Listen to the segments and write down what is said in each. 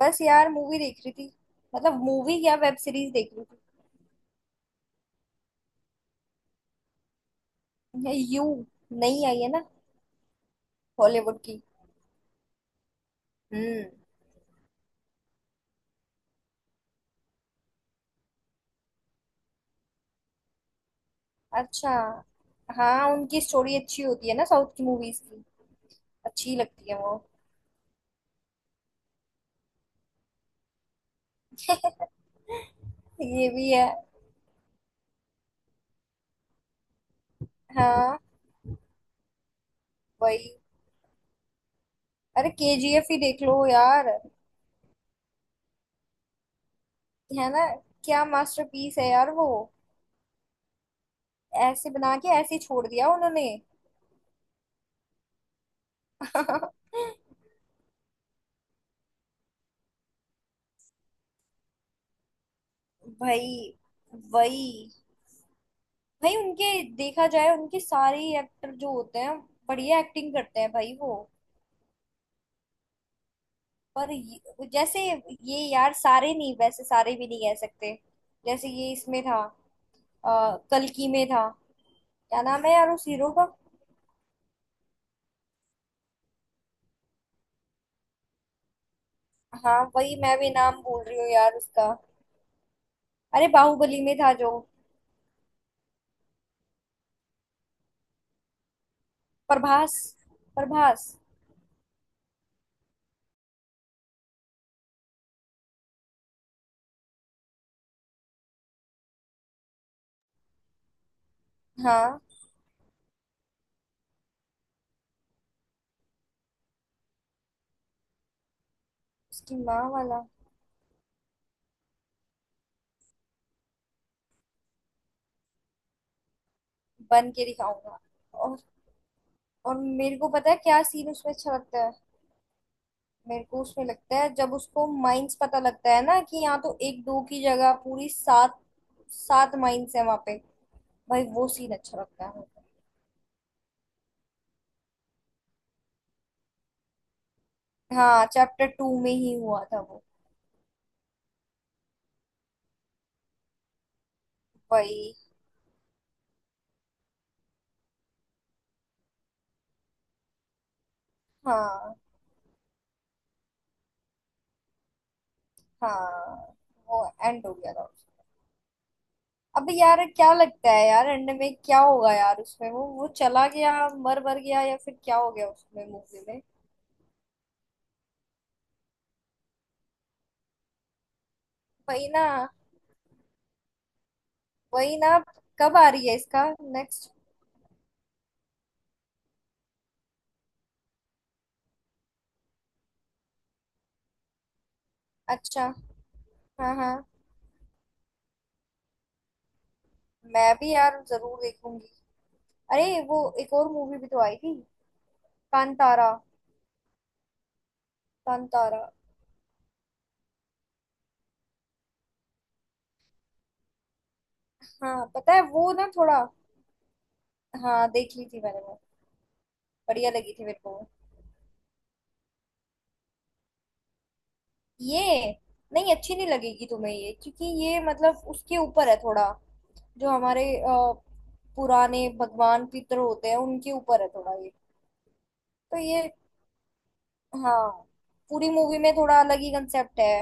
बस यार मूवी देख रही थी। मतलब मूवी या वेब सीरीज देख रही थी। ये यू नई आई है ना, हॉलीवुड की। हम्म। अच्छा। हाँ उनकी स्टोरी अच्छी होती है ना, साउथ की मूवीज की। अच्छी लगती है वो। ये भी है। हाँ वही। अरे केजीएफ ही देख लो यार। है ना। क्या मास्टरपीस है यार वो। ऐसे बना के ऐसे ही छोड़ दिया उन्होंने। भाई। वही। भाई उनके देखा जाए, उनके सारे एक्टर जो होते हैं, बढ़िया एक्टिंग करते हैं भाई वो। पर जैसे ये यार सारे नहीं, वैसे सारे भी नहीं कह सकते। जैसे ये इसमें था। कल्कि में था। क्या नाम है यार उस हीरो का। हाँ वही मैं भी नाम भूल रही हूँ यार उसका। अरे बाहुबली में था जो। प्रभास। प्रभास। हाँ। उसकी माँ वाला। बन के दिखाऊंगा। और और मेरे को पता है क्या सीन उसमें अच्छा लगता है। मेरे को उसमें लगता है जब उसको माइंस पता लगता है ना, कि यहाँ तो एक दो की जगह पूरी सात, सात माइंस है वहां पे। भाई वो सीन अच्छा लगता है मुझे। हाँ चैप्टर टू में ही हुआ था वो। भाई। हाँ हाँ। वो एंड हो गया था उसका। अब यार क्या लगता है यार एंड में क्या होगा यार उसमें, वो चला गया, मर मर गया या फिर क्या हो गया उसमें मूवी में। वही ना। वही ना। कब आ रही है इसका नेक्स्ट। अच्छा। हाँ हाँ। मैं भी यार जरूर देखूंगी। अरे वो एक और मूवी भी तो आई थी। कांतारा। कांतारा। हाँ पता है वो ना थोड़ा। हाँ देख ली थी मैंने वो। बढ़िया लगी थी मेरे को। ये। नहीं अच्छी नहीं लगेगी तुम्हें ये, क्योंकि ये मतलब उसके ऊपर है थोड़ा। जो हमारे पुराने भगवान पितर होते हैं उनके ऊपर है थोड़ा ये। तो ये। हाँ। पूरी मूवी में थोड़ा अलग ही कंसेप्ट है।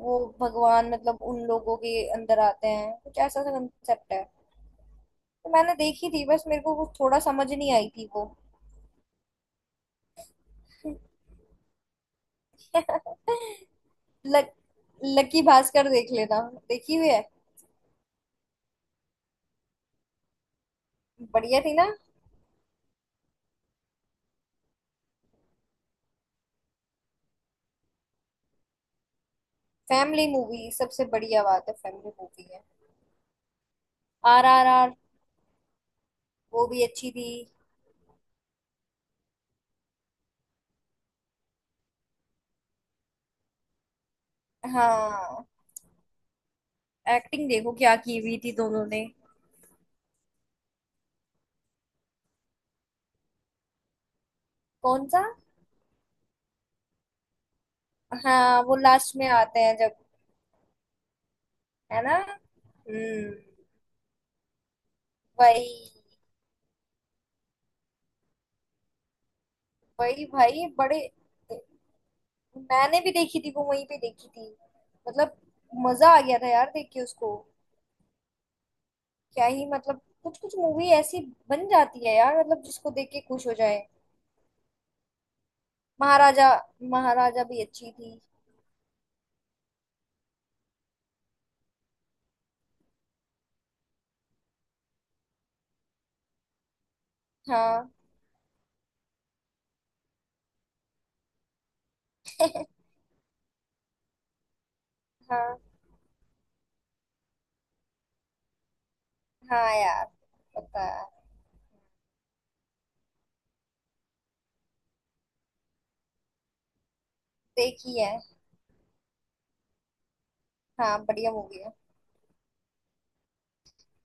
वो भगवान मतलब उन लोगों के अंदर आते हैं, कुछ ऐसा सा कंसेप्ट है। तो मैंने देखी थी, बस मेरे को कुछ थोड़ा समझ नहीं आई थी वो। लक, लकी भास्कर देख लेना। देखी हुई है। बढ़िया थी ना। फैमिली मूवी सबसे बढ़िया बात है, फैमिली मूवी है। आरआरआर। वो भी अच्छी थी। हाँ एक्टिंग देखो क्या की हुई थी दोनों ने। कौन सा। हाँ वो लास्ट में आते हैं जब। है ना। हम्म। वही। वही भाई बड़े। मैंने भी देखी थी वो वहीं पे देखी थी। मतलब। मजा आ गया था यार देख के उसको। क्या ही मतलब कुछ कुछ मूवी ऐसी बन जाती है यार, मतलब जिसको देख के खुश हो जाए। महाराजा। महाराजा भी अच्छी थी। हाँ हाँ हाँ यार, पता है। देखी है। हाँ बढ़िया मूवी है।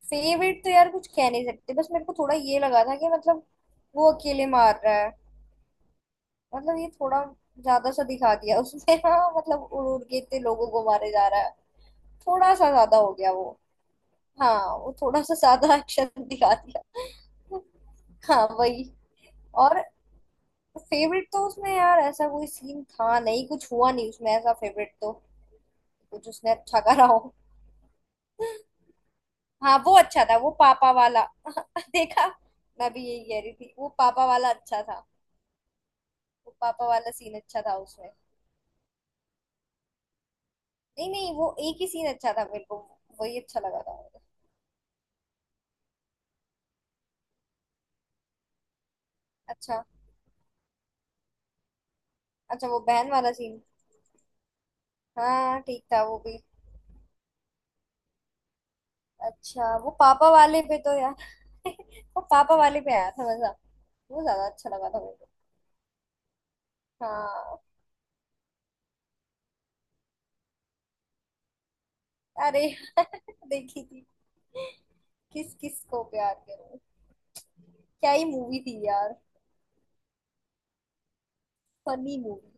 फेवरेट तो यार कुछ कह नहीं सकते, बस मेरे को थोड़ा ये लगा था कि मतलब वो अकेले मार रहा है। मतलब ये थोड़ा ज्यादा सा दिखा दिया उसने हाँ मतलब उड़ उड़ के इतने लोगों को मारे जा रहा है। थोड़ा सा ज्यादा हो गया वो। हाँ वो थोड़ा सा ज्यादा एक्शन दिखा दिया। हाँ वही। और। फेवरेट तो उसमें यार ऐसा कोई सीन था नहीं, कुछ हुआ नहीं उसमें ऐसा फेवरेट तो, कुछ उसने अच्छा करा हो। हाँ वो अच्छा था वो पापा वाला। देखा। मैं भी यही कह रही थी वो पापा वाला अच्छा था। वो पापा वाला सीन अच्छा था उसमें। नहीं नहीं वो एक ही सीन अच्छा था मेरे को। वही अच्छा लगा था। अच्छा। अच्छा वो बहन वाला सीन। हाँ ठीक था वो भी। अच्छा वो पापा वाले पे तो यार वो पापा वाले पे आया था मजा। वो ज्यादा अच्छा लगा था मेरे को। हाँ। अरे देखी थी, किस किस को प्यार करूं। क्या ही मूवी थी यार। Funny movie.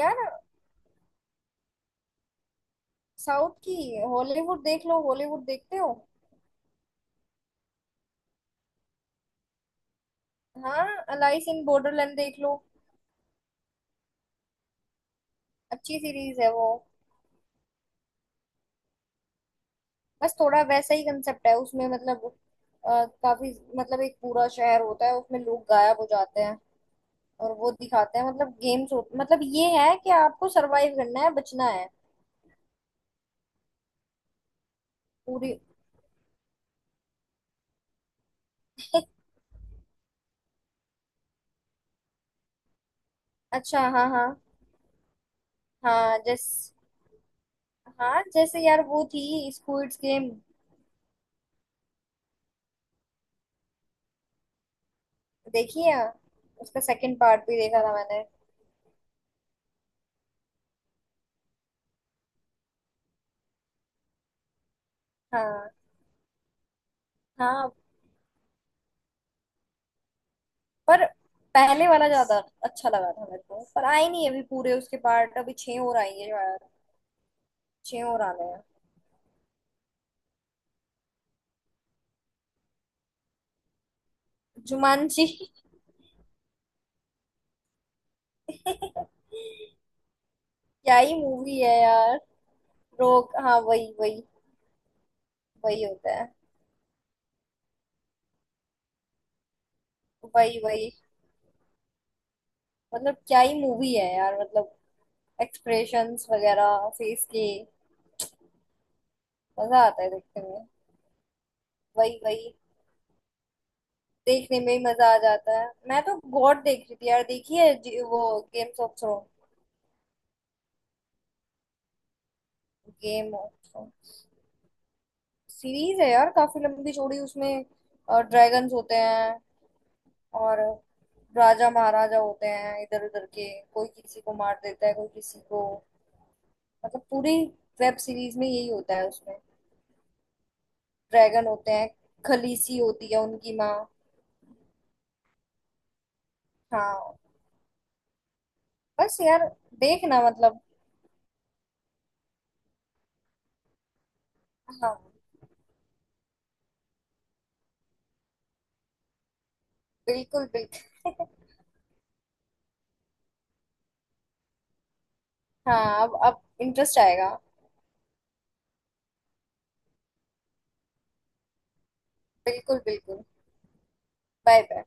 यार साउथ की। हॉलीवुड देख लो, हॉलीवुड देखते हो। हाँ। अलाइस इन बॉर्डरलैंड देख लो। अच्छी सीरीज है वो। बस थोड़ा वैसा ही कंसेप्ट है उसमें मतलब, काफी मतलब एक पूरा शहर होता है उसमें लोग गायब हो जाते हैं। और वो दिखाते हैं मतलब गेम्स। मतलब ये है कि आपको सरवाइव करना है, बचना है। पूरी। अच्छा। हाँ हाँ। हाँ जैस हाँ जैसे यार वो थी स्क्विड गेम। देखी है। उसका सेकंड पार्ट भी देखा था मैंने। हाँ हाँ। पर पहले वाला ज्यादा अच्छा लगा था मेरे को, पर आई नहीं अभी पूरे उसके पार्ट, अभी छह और आई है यार। छह और आने हैं। जुमानजी क्या ही मूवी है यार। रोग, हाँ वही वही। वही होता है। वही वही। मतलब क्या ही मूवी है यार, मतलब एक्सप्रेशंस वगैरह फेस के। मजा आता है देखने में। वही वही। देखने में ही मजा आ जाता है। मैं तो गॉड देख रही थी यार, देखी है वो games of throne. Game of. Series है यार काफी लंबी चौड़ी उसमें। ड्रैगन्स होते हैं। और राजा महाराजा होते हैं इधर उधर के। कोई किसी को मार देता है कोई किसी को। मतलब पूरी वेब सीरीज में यही होता है उसमें। ड्रैगन होते हैं। खलीसी होती है उनकी माँ। हाँ। बस यार देखना मतलब। हाँ बिल्कुल बिल्कुल। हाँ अब इंटरेस्ट आएगा। बिल्कुल बिल्कुल। Bye bye.